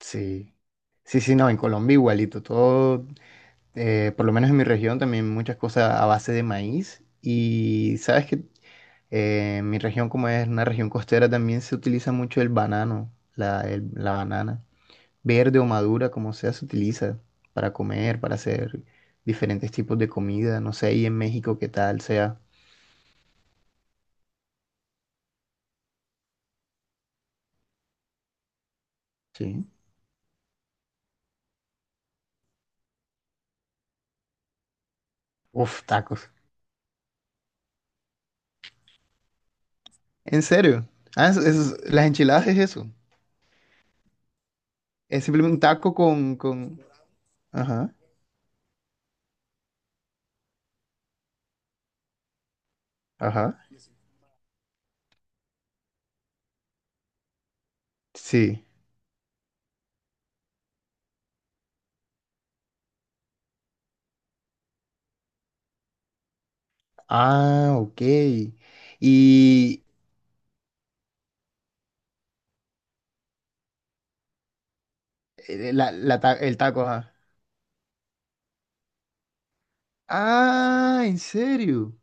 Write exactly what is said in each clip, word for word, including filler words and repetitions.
Sí, sí, sí, no, en Colombia igualito, todo, eh, por lo menos en mi región también muchas cosas a base de maíz. Y sabes que eh, mi región como es una región costera también se utiliza mucho el banano, la, el- la banana, verde o madura, como sea, se utiliza para comer, para hacer diferentes tipos de comida, no sé, ¿y en México qué tal sea? Sí. Uf, tacos. ¿En serio? Ah, eso- eso es- las enchiladas es eso, es simplemente un taco con, con... Ajá, ajá. Sí. Ah, ok. Y eh, la, la ta- el taco, ajá. Ah, ¿en serio?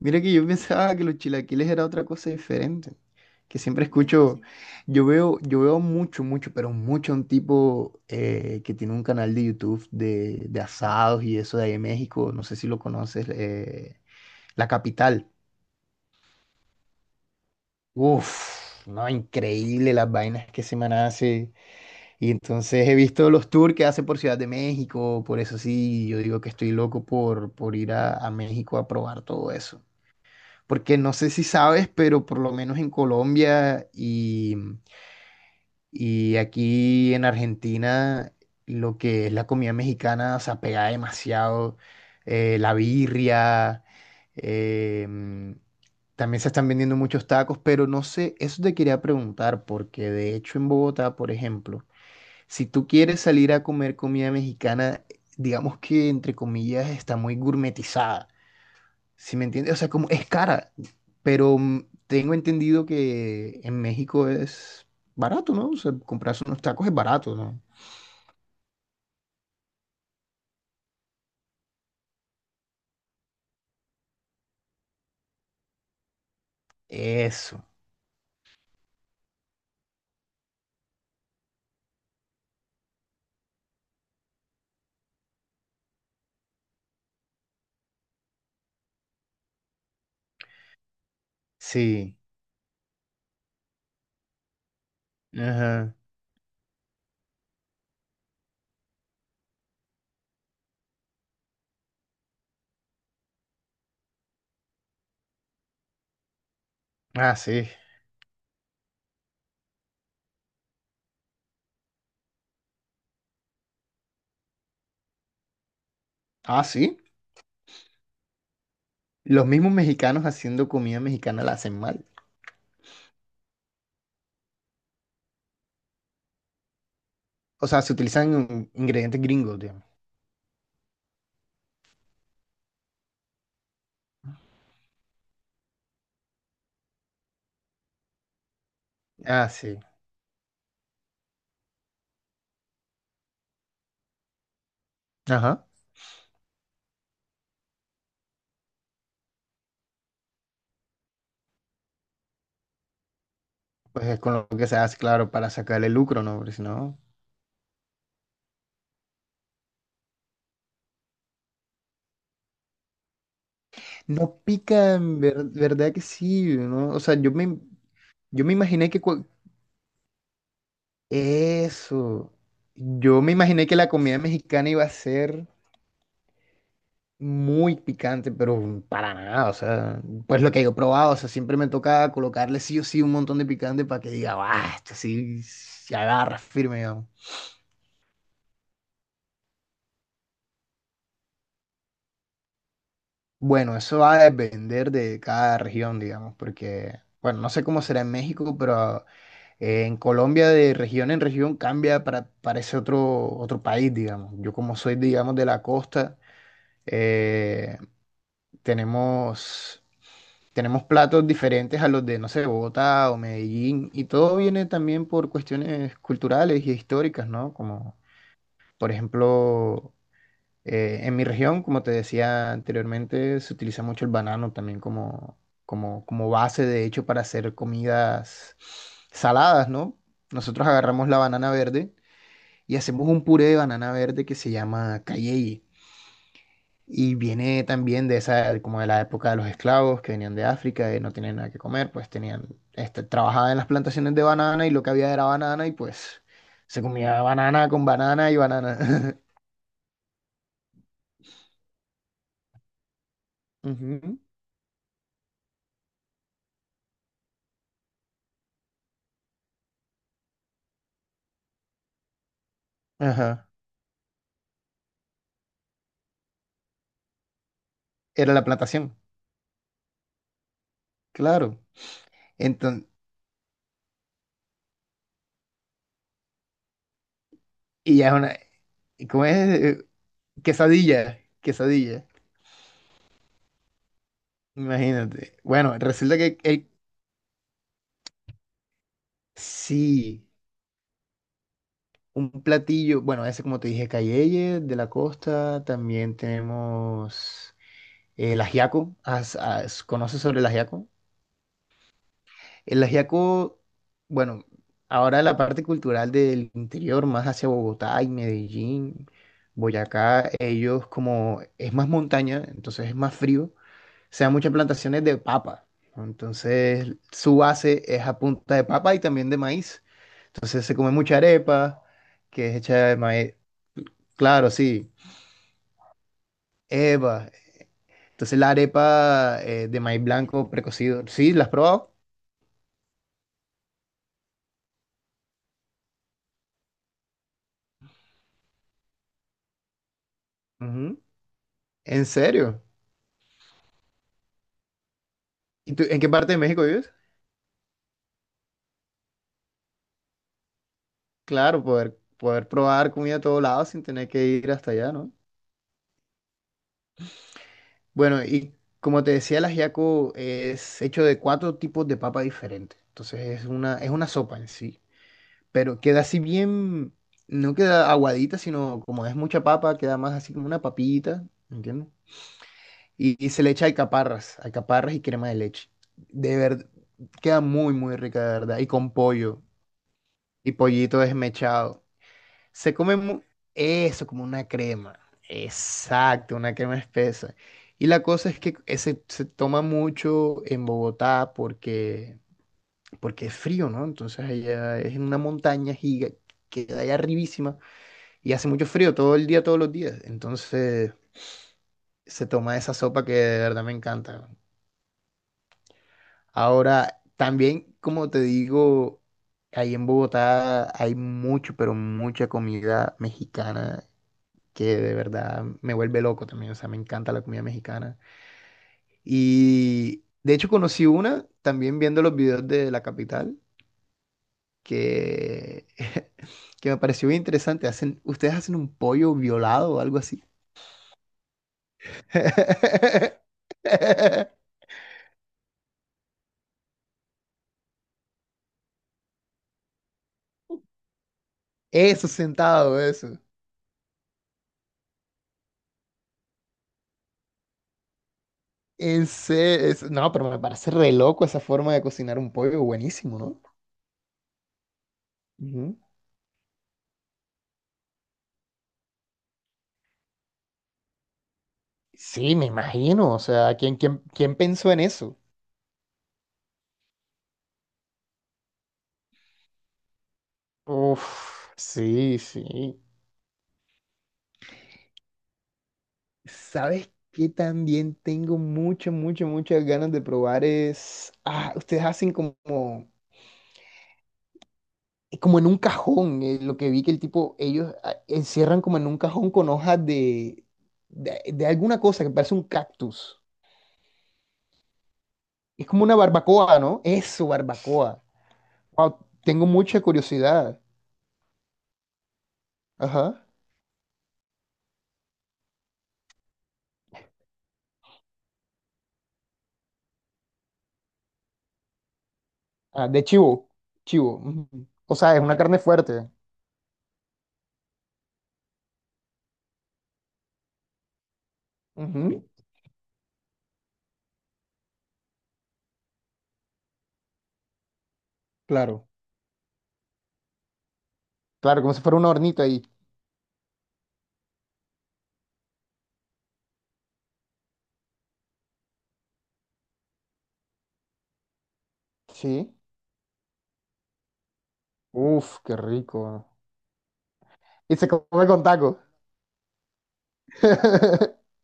Mira que yo pensaba que los chilaquiles era otra cosa diferente. Que siempre escucho, yo veo, yo veo mucho, mucho, pero mucho un tipo eh, que tiene un canal de YouTube de, de asados y eso de ahí en México. No sé si lo conoces, eh, La Capital. Uf, no, increíble las vainas que se me hace. Y entonces he visto los tours que hace por Ciudad de México, por eso sí, yo digo que estoy loco por, por ir a, a México a probar todo eso. Porque no sé si sabes, pero por lo menos en Colombia y, y aquí en Argentina, lo que es la comida mexicana se apega demasiado. eh, la birria, em, también se están vendiendo muchos tacos, pero no sé, eso te quería preguntar, porque de hecho en Bogotá, por ejemplo, si tú quieres salir a comer comida mexicana, digamos que entre comillas está muy gourmetizada. ¿Sí me entiendes? O sea, como es cara, pero mm, tengo entendido que en México es barato, ¿no? O sea, comprarse unos tacos es barato, ¿no? Eso, sí. Ajá. Ah, sí. Ah, sí. Los mismos mexicanos haciendo comida mexicana la hacen mal. O sea, se utilizan ingredientes gringos, digamos. Ah, sí. Ajá. Pues es con lo que se hace, claro, para sacarle lucro, ¿no? Porque si no. No pica, en ver- verdad que sí, ¿no? O sea, yo me, yo me imaginé que... cua- Eso. Yo me imaginé que la comida mexicana iba a ser muy picante, pero para nada, o sea, pues lo que yo he probado, o sea, siempre me toca colocarle sí o sí un montón de picante para que diga, ah, esto sí se agarra firme, digamos. Bueno, eso va a depender de cada región, digamos, porque, bueno, no sé cómo será en México, pero Eh, en Colombia, de región en región, cambia para, para ese otro, otro país, digamos. Yo como soy, digamos, de la costa, eh, tenemos, tenemos platos diferentes a los de, no sé, Bogotá o Medellín, y todo viene también por cuestiones culturales y históricas, ¿no? Como, por ejemplo... Eh, en mi región, como te decía anteriormente, se utiliza mucho el banano también como, como, como base, de hecho, para hacer comidas saladas, ¿no? Nosotros agarramos la banana verde y hacemos un puré de banana verde que se llama cayeye. Y viene también de esa, como de la época de los esclavos que venían de África y no tenían nada que comer, pues tenían, este, trabajaban en las plantaciones de banana y lo que había era banana y pues se comía banana con banana y banana. Ujú. Ajá, era la plantación. Claro. Entonces, y ya es una, ¿cómo es? Eh, Quesadilla, quesadilla, imagínate. Bueno, resulta que él, sí, un platillo, bueno, ese como te dije, cayeye de la costa, también tenemos el ajiaco. ¿Has- has- ¿conoces sobre el ajiaco? El ajiaco, bueno, ahora la parte cultural del interior, más hacia Bogotá y Medellín, Boyacá, ellos como es más montaña, entonces es más frío. O sea, muchas plantaciones de papa. Entonces, su base es a punta de papa y también de maíz. Entonces, se come mucha arepa, que es hecha de maíz. Claro, sí. Eva. Entonces, la arepa eh, de maíz blanco precocido. Sí, ¿la has probado? Ujú. ¿En serio? ¿Y tú, en qué parte de México vives? Claro, poder, poder probar comida a todos lados sin tener que ir hasta allá, ¿no? Bueno, y como te decía, el ajiaco es hecho de cuatro tipos de papa diferentes. Entonces es una, es una sopa en sí. Pero queda así bien, no queda aguadita, sino como es mucha papa, queda más así como una papita, ¿entiendes? Y, y se le echa alcaparras, alcaparras y crema de leche. De verdad, queda muy, muy rica, de verdad. Y con pollo, y pollito desmechado. Se come mu- eso como una crema, exacto, una crema espesa. Y la cosa es que ese se toma mucho en Bogotá porque, porque es frío, ¿no? Entonces allá es en una montaña giga, queda allá arribísima. Y hace mucho frío todo el día, todos los días. Entonces se toma esa sopa que de verdad me encanta. Ahora, también, como te digo, ahí en Bogotá hay mucho, pero mucha comida mexicana que de verdad me vuelve loco también. O sea, me encanta la comida mexicana. Y de hecho conocí una también viendo los videos de la capital que, que me pareció bien interesante. Hacen, ustedes hacen un pollo violado o algo así. Eso sentado, eso. En se- es- No, pero me parece re loco esa forma de cocinar un pollo, buenísimo, ¿no? Ujú. Sí, me imagino, o sea, ¿quién, quién, quién pensó en eso? Uf, sí, sí. ¿Sabes qué también tengo mucho, mucho, muchas ganas de probar es... Ah, ustedes hacen como, como en un cajón, eh, lo que vi que el tipo, ellos ah, encierran como en un cajón con hojas de, de, de alguna cosa que parece un cactus. Es como una barbacoa, ¿no? Eso, barbacoa. Wow, tengo mucha curiosidad. Ajá. Ah, de chivo. Chivo. Ujú. O sea, es una carne fuerte. Ujú, claro. Claro, como si fuera un hornito ahí. Sí. Uf, qué rico. Y se come con taco.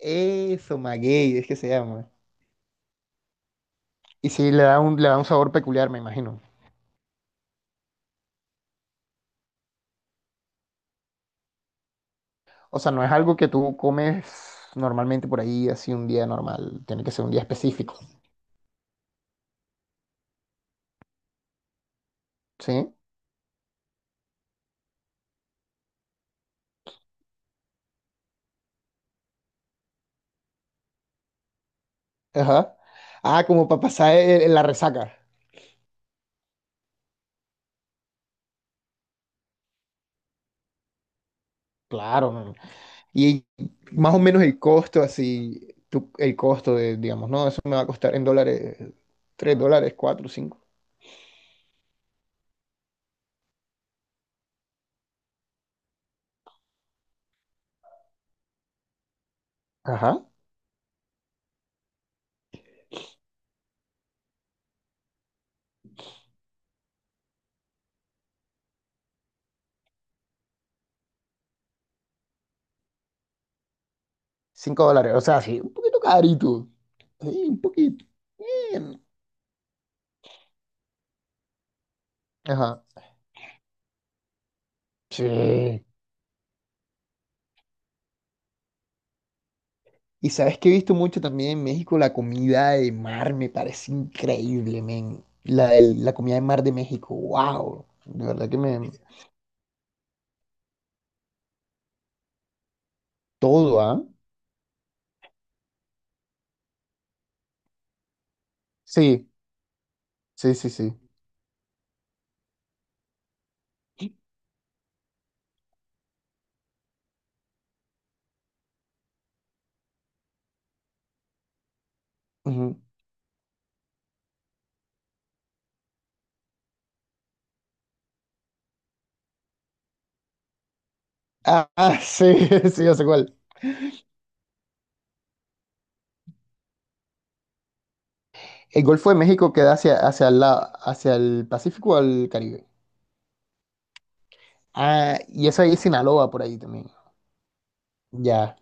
Eso, maguey, es que se llama. Y sí, le da un, le da un sabor peculiar, me imagino. O sea, no es algo que tú comes normalmente por ahí, así un día normal. Tiene que ser un día específico. ¿Sí? Ajá. Ah, como para pasar el- el- la resaca. Claro, men. Y más o menos el costo, así, tú- el costo de, digamos, no, eso me va a costar en dólares, tres dólares, cuatro cinco. Ajá. Cinco dólares, o sea, sí. Un poquito carito. Sí, un poquito. Bien. Ajá. Sí. Y sabes que he visto mucho también en México la comida de mar, me parece increíble, men. La, del- la comida de mar de México, wow. De verdad que me... Todo, ¿ah? Sí, sí, sí, sí. Ujú. Ah, ah, sí, sí, ya sé cuál. ¿El Golfo de México queda hacia, hacia el lado- hacia el Pacífico o al Caribe? Ah, y eso ahí es Sinaloa por ahí también. Ya,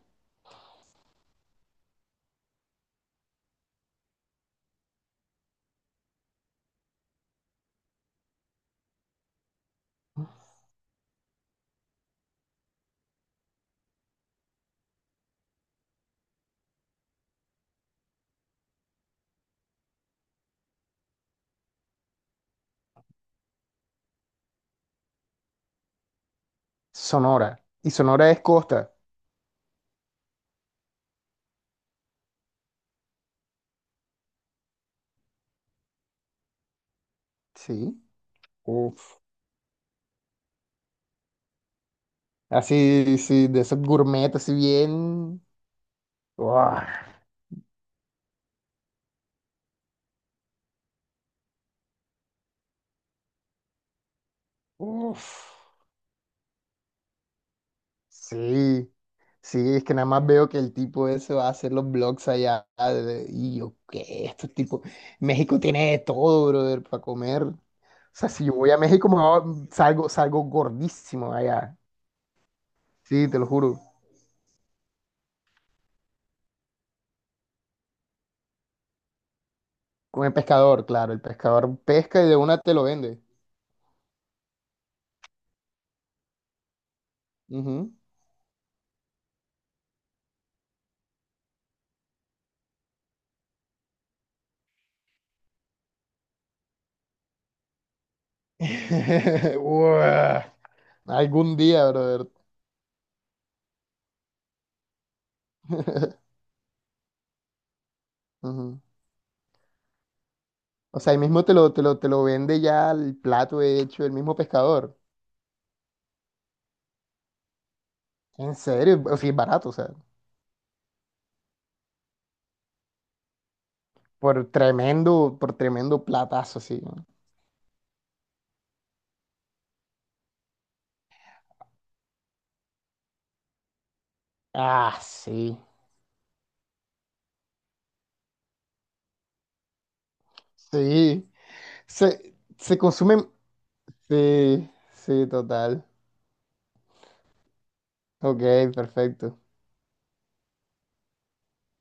Sonora. Y Sonora es costa. Sí. Uf. Así, sí, de esos gourmet, así bien. Uah. Uf. Sí. Sí, es que nada más veo que el tipo ese va a hacer los blogs allá. de- Y yo, ¿qué? Estos tipos. México tiene de todo, brother, para comer. O sea, si yo voy a México, me voy a- salgo, salgo gordísimo allá. Sí, te lo juro. Con el pescador, claro. El pescador pesca y de una te lo vende. Ujú. Uah, algún día, brother. Ujú. O sea, ahí mismo te lo, te lo, te lo vende ya el plato hecho, el mismo pescador. En serio, o sea, es barato, o sea, por tremendo, por tremendo platazo, sí. ¿No? Ah, sí, sí. Se, se consumen, sí, sí, total. Ok, perfecto.